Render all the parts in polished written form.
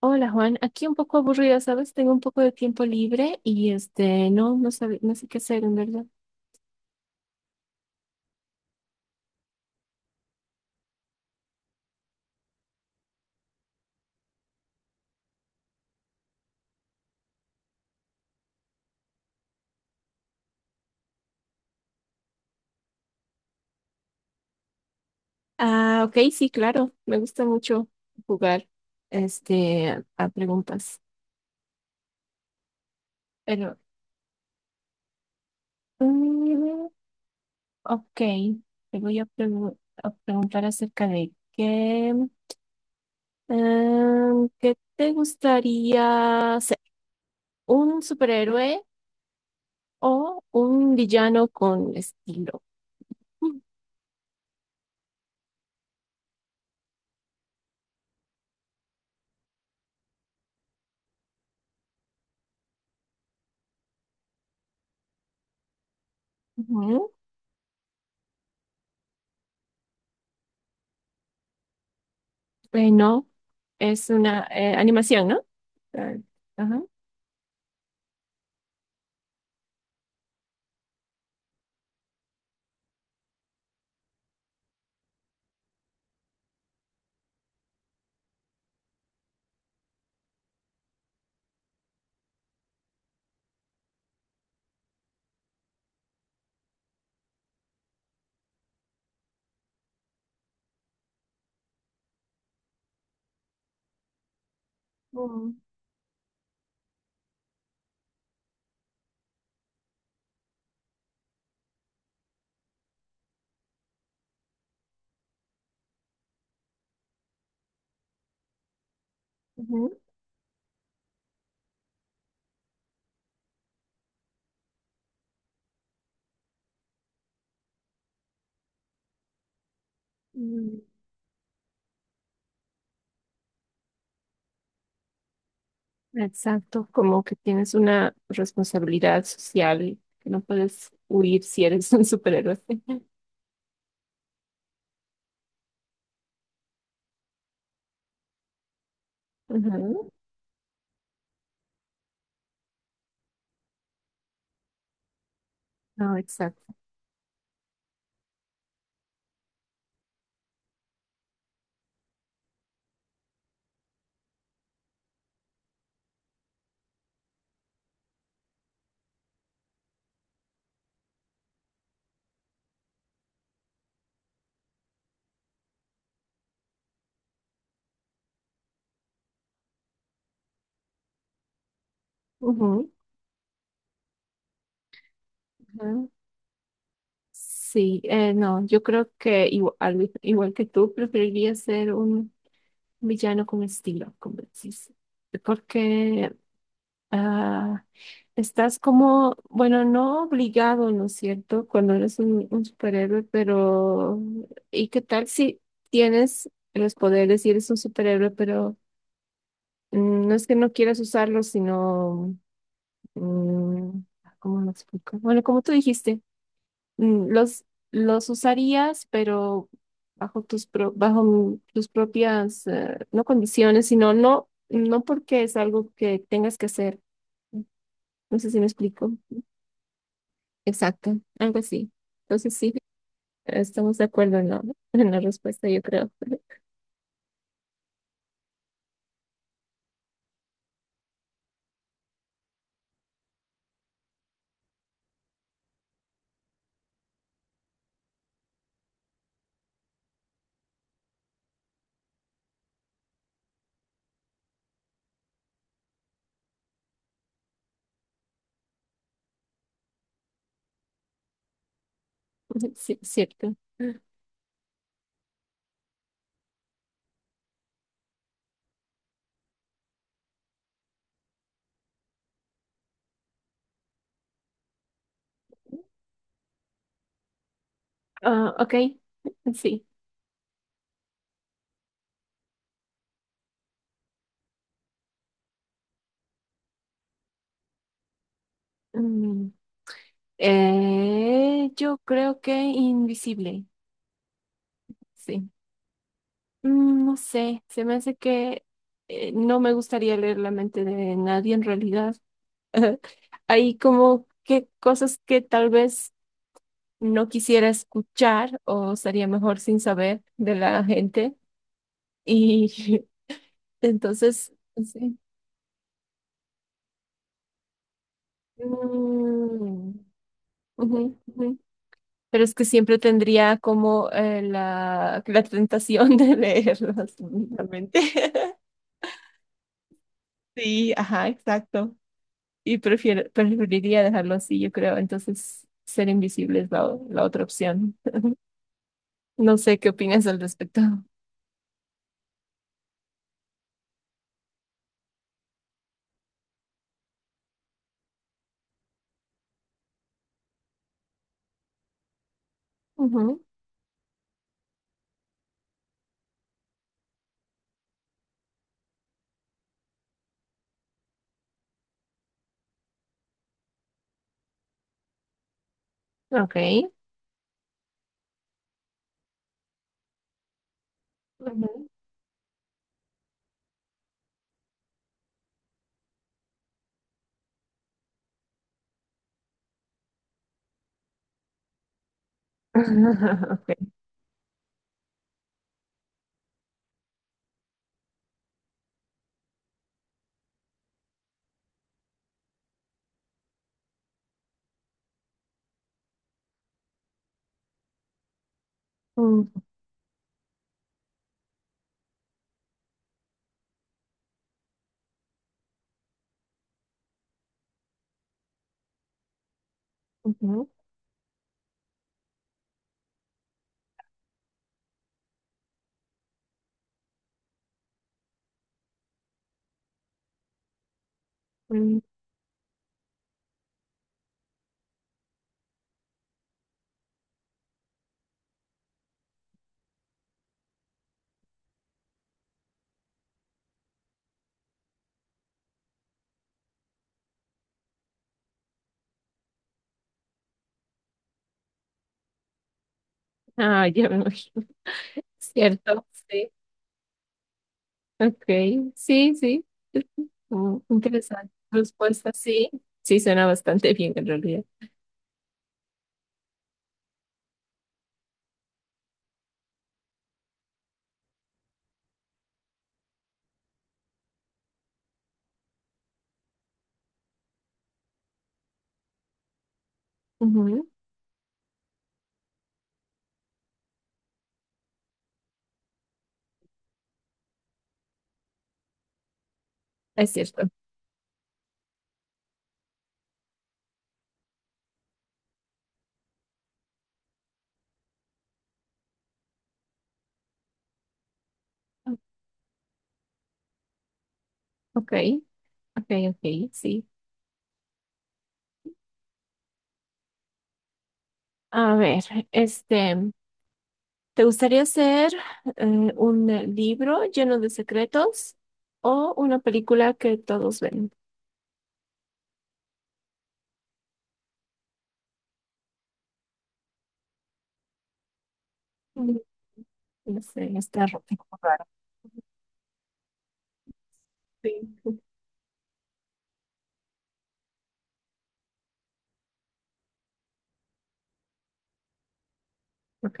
Hola Juan, aquí un poco aburrida, ¿sabes? Tengo un poco de tiempo libre y no sé qué hacer en verdad. Ah, ok, sí, claro, me gusta mucho jugar a preguntas. Pero, mm, ok, te voy a, pregu- a preguntar acerca de qué, ¿qué te gustaría ser? ¿Un superhéroe o un villano con estilo? Ujú. Bueno, es una animación, ¿no? Ah, ajá. Oh, ujú. Mm, exacto, como que tienes una responsabilidad social que no puedes huir si eres un superhéroe. Ujú, no, exacto. Ujú. Ujú. Sí, no, yo creo que igual que tú, preferiría ser un villano con estilo, como decís, porque ah, estás como, bueno, no obligado, ¿no es cierto? Cuando eres un superhéroe, pero ¿y qué tal si tienes los poderes y eres un superhéroe, pero no es que no quieras usarlos, mm, ah, ¿cómo lo explico? Bueno, como tú dijiste, mm, los, los usarías, pero bajo tus propias, no condiciones, sino no porque es algo que tengas que hacer. No sé si me explico. Exacto, algo así. Entonces sí, estamos de acuerdo en en la respuesta, yo creo. Sí, es cierto. Ah, ok, sí. Mm, yo creo que invisible, sí. Mm, no sé, se me hace que no me gustaría leer la mente de nadie en realidad. Hay como que cosas que tal vez no quisiera escuchar o sería mejor sin saber de la gente. Y entonces, sí. Mm, ujú, ujú. Pero es que siempre tendría como la tentación de leerlos realmente. Sí, ajá, exacto. Y preferiría dejarlo así, yo creo. Entonces, ser invisible es la otra opción. No sé qué opinas al respecto. Ujú, ok. Ujú. Ok. Mm, ujú, mm. Ah, ya me imagino. Cierto, sí. Ok, sí, sí. Mm, interesante respuesta, sí. Sí, suena bastante bien en realidad. Ujú, es cierto. Ok, ok, ok, sí. A ver, este, ¿te gustaría hacer eh, un libro lleno de secretos o una película que todos ven? Mm, no sé, está como raro. Sí. Ok.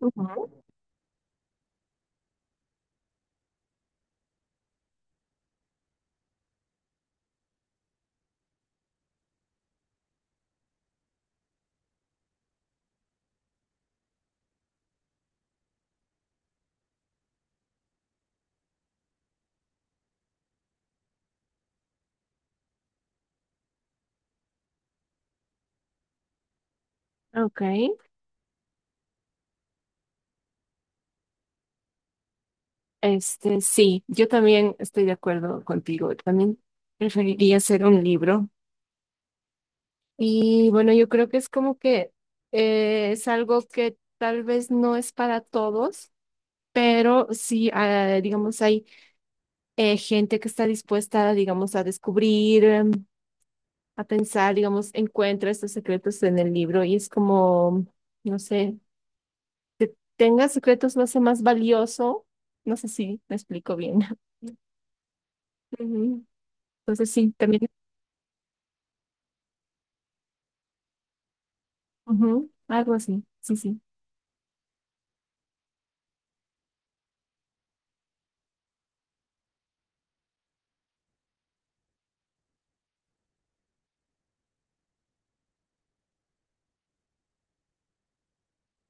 Ujú. Ok. Este, sí, yo también estoy de acuerdo contigo. También preferiría hacer un libro. Y bueno, yo creo que es como que es algo que tal vez no es para todos, pero sí, ah, digamos, hay gente que está dispuesta, digamos, a descubrir. A pensar, digamos, encuentra estos secretos en el libro y es como, no sé, tenga secretos lo hace más valioso. No sé si me explico bien. Ujú. Entonces sí, también, ujú, algo así, sí, sí,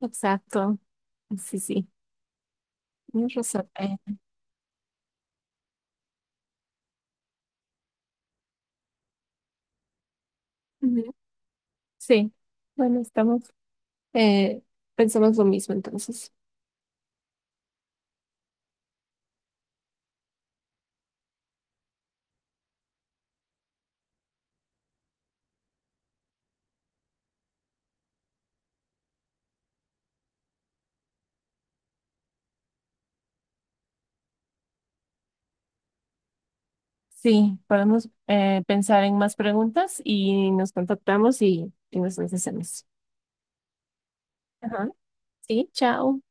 exacto, sí, sí, tienes razón. Ujú, sí, bueno, estamos, eh, pensamos lo mismo entonces. Sí, podemos pensar en más preguntas y nos contactamos y nos las hacemos. Ajá, sí, chao.